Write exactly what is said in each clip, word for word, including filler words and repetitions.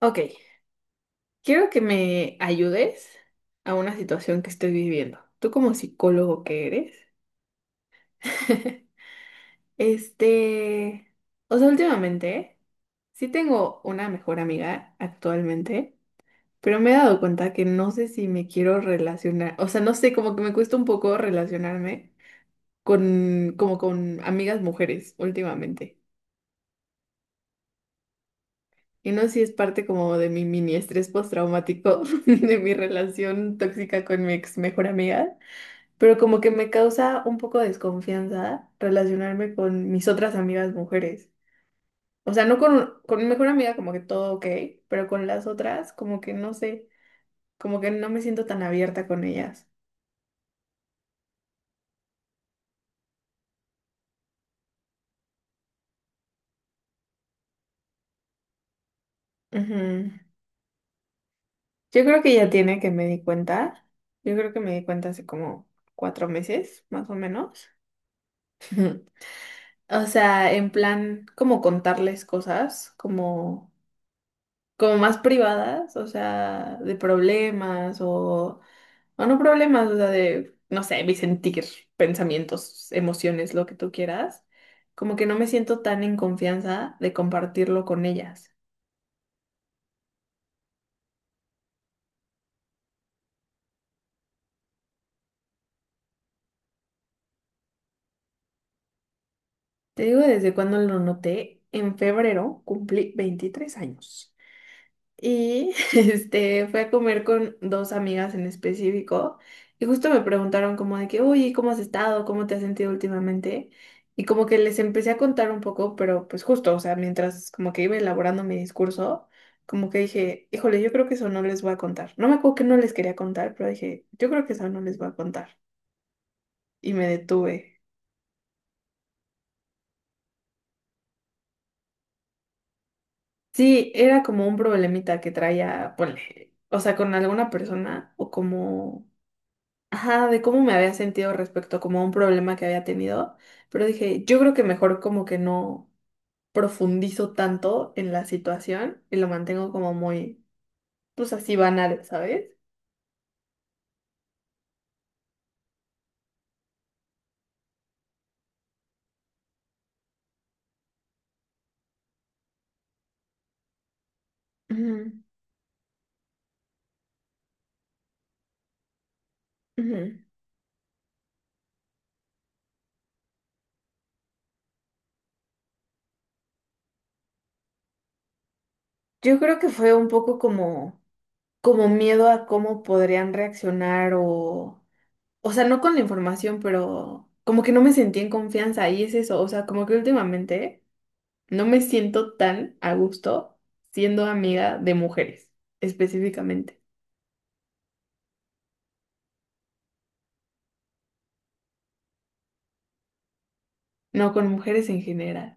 Ok, quiero que me ayudes a una situación que estoy viviendo. Tú como psicólogo que eres, este, o sea, últimamente sí tengo una mejor amiga actualmente, pero me he dado cuenta que no sé si me quiero relacionar, o sea, no sé, como que me cuesta un poco relacionarme con, como con amigas mujeres últimamente. Y no sé si es parte como de mi mini estrés postraumático de mi relación tóxica con mi ex mejor amiga. Pero como que me causa un poco de desconfianza relacionarme con mis otras amigas mujeres. O sea, no con, con mi mejor amiga como que todo ok, pero con las otras como que no sé, como que no me siento tan abierta con ellas. Ujú. Yo creo que ya tiene que me di cuenta. Yo creo que me di cuenta hace como cuatro meses, más o menos. O sea, en plan, como contarles cosas, como, como más privadas, o sea, de problemas o O no problemas, o sea, de, no sé, mi sentir, pensamientos, emociones, lo que tú quieras. Como que no me siento tan en confianza de compartirlo con ellas. Te digo, desde cuando lo noté, en febrero cumplí veintitrés años. Y este, fui a comer con dos amigas en específico, y justo me preguntaron como de que, oye, ¿cómo has estado? ¿Cómo te has sentido últimamente? Y como que les empecé a contar un poco, pero pues justo, o sea, mientras como que iba elaborando mi discurso, como que dije, híjole, yo creo que eso no les voy a contar. No me acuerdo que no les quería contar, pero dije, yo creo que eso no les voy a contar. Y me detuve. Sí, era como un problemita que traía, ponle, o sea, con alguna persona o como ajá, de cómo me había sentido respecto como a un problema que había tenido, pero dije, yo creo que mejor como que no profundizo tanto en la situación y lo mantengo como muy, pues así banal, ¿sabes? Ujú, ujú. Yo creo que fue un poco como, como miedo a cómo podrían reaccionar o, o sea, no con la información, pero como que no me sentí en confianza y es eso, o sea, como que últimamente no me siento tan a gusto siendo amiga de mujeres, específicamente. No, con mujeres en general.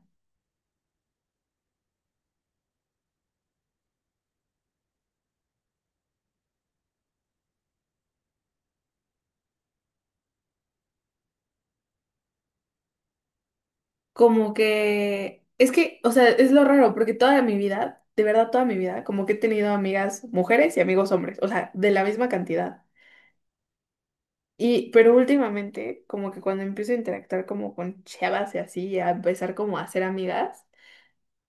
Como que, es que, o sea, es lo raro, porque toda mi vida, de verdad toda mi vida, como que he tenido amigas mujeres y amigos hombres, o sea, de la misma cantidad. Y, pero últimamente, como que cuando empiezo a interactuar como con chavas y así, y a empezar como a hacer amigas,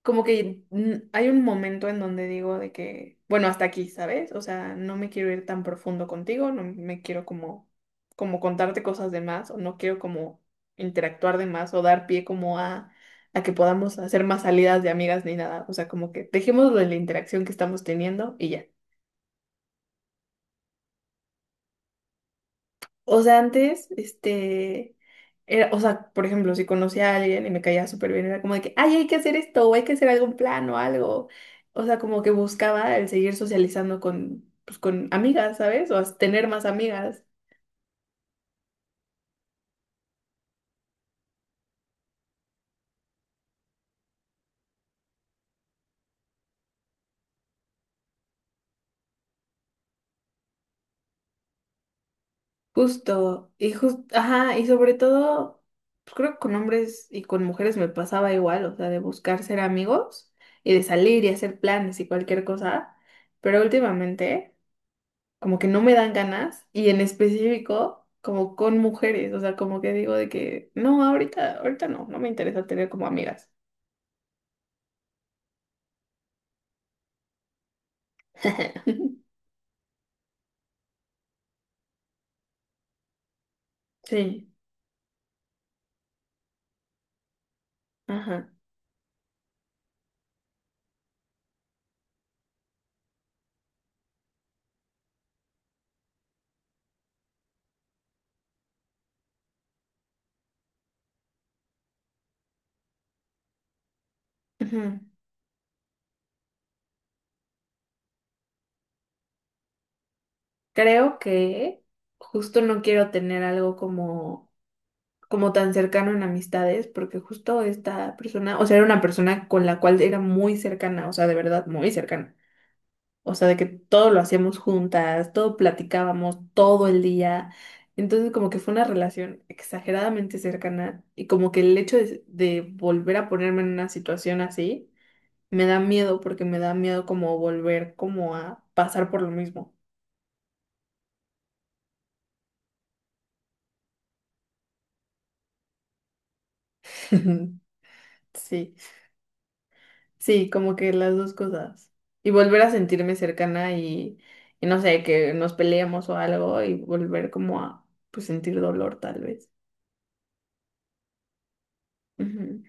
como que mm, hay un momento en donde digo de que, bueno, hasta aquí, ¿sabes? O sea, no me quiero ir tan profundo contigo, no me quiero como, como contarte cosas de más, o no quiero como interactuar de más, o dar pie como a, a que podamos hacer más salidas de amigas ni nada. O sea, como que dejémoslo en la interacción que estamos teniendo y ya. O sea, antes, este, era- o sea, por ejemplo, si conocía a alguien y me caía súper bien, era como de que, ay, hay que hacer esto, o hay que hacer algún plan o algo. O sea, como que buscaba el seguir socializando con, pues, con amigas, ¿sabes? O as- tener más amigas. Justo, y justo, ajá, y sobre todo, pues creo que con hombres y con mujeres me pasaba igual, o sea, de buscar ser amigos y de salir y hacer planes y cualquier cosa. Pero últimamente... como que no me dan ganas y en específico como con mujeres, o sea, como que digo de que no, ahorita, ahorita no, no me interesa tener como amigas. Sí, ajá. Ujú. Creo que justo no quiero tener algo como, como tan cercano en amistades, porque justo esta persona, o sea, era una persona con la cual era muy cercana, o sea, de verdad, muy cercana. O sea, de que todo lo hacíamos juntas, todo platicábamos todo el día. Entonces, como que fue una relación exageradamente cercana y como que el hecho de, de volver a ponerme en una situación así, me da miedo porque me da miedo como volver como a pasar por lo mismo. Sí, sí, como que las dos cosas. Y volver a sentirme cercana y, y no sé, que nos peleamos o algo y volver como a pues, sentir dolor tal vez. Ujú.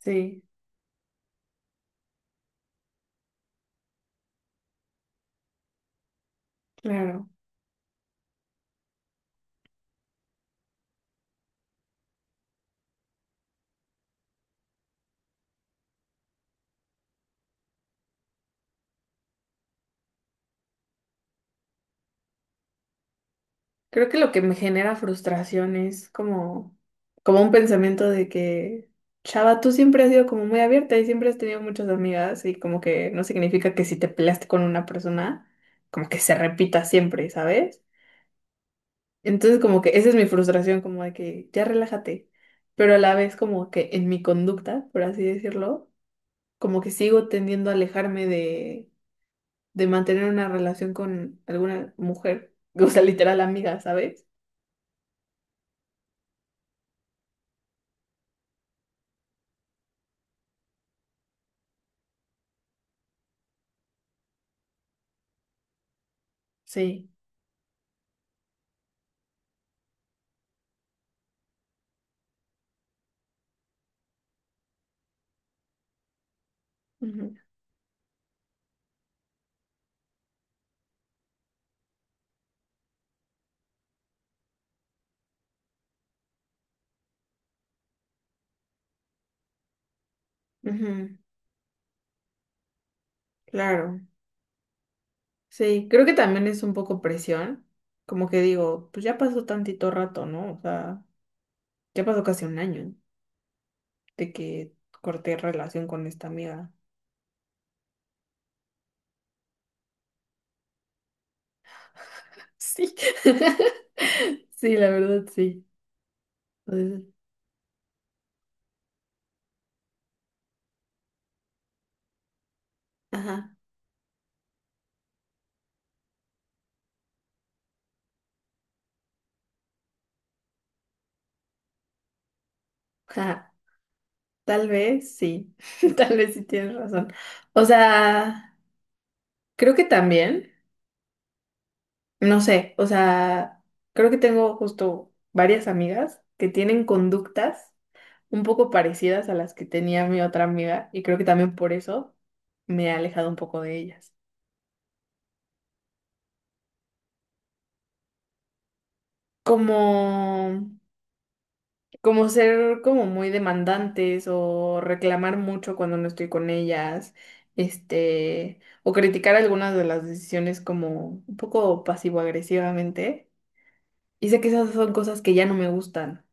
Sí, claro. Creo que lo que me genera frustración es como, como un pensamiento de que, chava, tú siempre has sido como muy abierta y siempre has tenido muchas amigas y como que no significa que si te peleaste con una persona, como que se repita siempre, ¿sabes? Entonces como que esa es mi frustración, como de que ya relájate, pero a la vez como que en mi conducta, por así decirlo, como que sigo tendiendo a alejarme de, de mantener una relación con alguna mujer, o sea, literal amiga, ¿sabes? Sí. Ujú. Ujú, claro, sí, creo que también es un poco presión, como que digo, pues ya pasó tantito rato, ¿no? O sea, ya pasó casi un año de que corté relación con esta amiga. Sí, sí, la verdad, sí. Entonces, ajá, ajá, tal vez sí, tal vez sí tienes razón. O sea, creo que también, no sé, o sea, creo que tengo justo varias amigas que tienen conductas, un poco parecidas a las que tenía mi otra amiga y creo que también por eso me he alejado un poco de ellas. Como, como ser como muy demandantes o reclamar mucho cuando no estoy con ellas, este, o criticar algunas de las decisiones como un poco pasivo-agresivamente. Y sé que esas son cosas que ya no me gustan.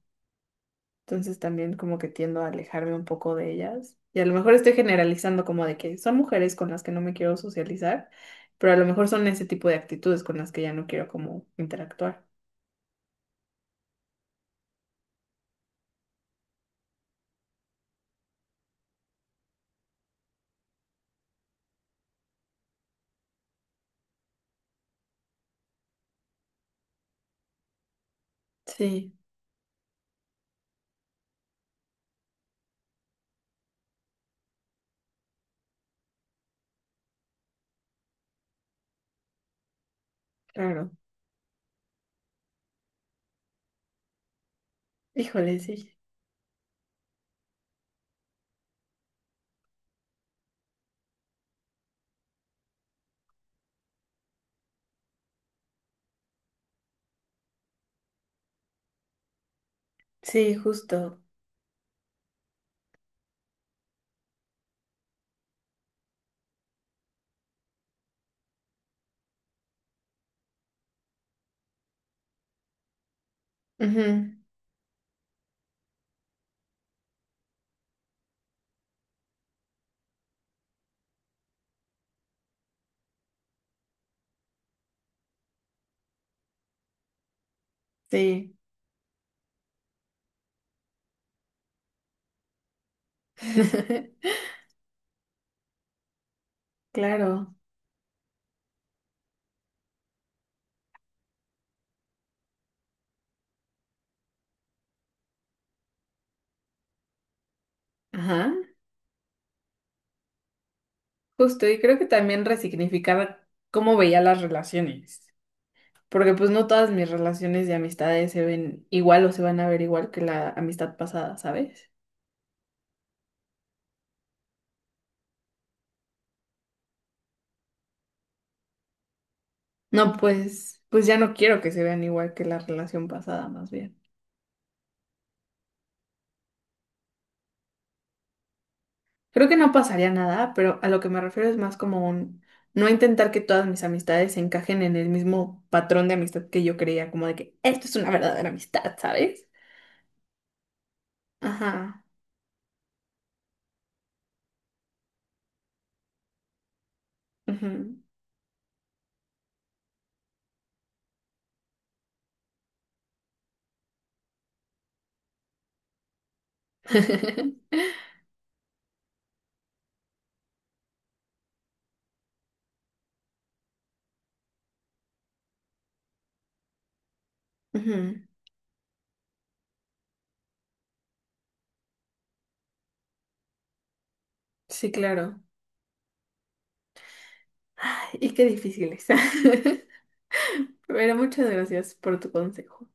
Entonces también como que tiendo a alejarme un poco de ellas. Y a lo mejor estoy generalizando como de que son mujeres con las que no me quiero socializar, pero a lo mejor son ese tipo de actitudes con las que ya no quiero como interactuar. Sí, claro. Híjole, sí. Sí, justo. Ujú, sí, claro. Ajá. Justo, y creo que también resignificar cómo veía las relaciones, porque pues no todas mis relaciones de amistades se ven igual o se van a ver igual que la amistad pasada, ¿sabes? No, pues, pues ya no quiero que se vean igual que la relación pasada, más bien. Creo que no pasaría nada, pero a lo que me refiero es más como un no intentar que todas mis amistades se encajen en el mismo patrón de amistad que yo creía, como de que esto es una verdadera amistad, ¿sabes? Ajá. Ujú. Ujú, sí, claro. Ay, y qué difícil es. Pero muchas gracias por tu consejo.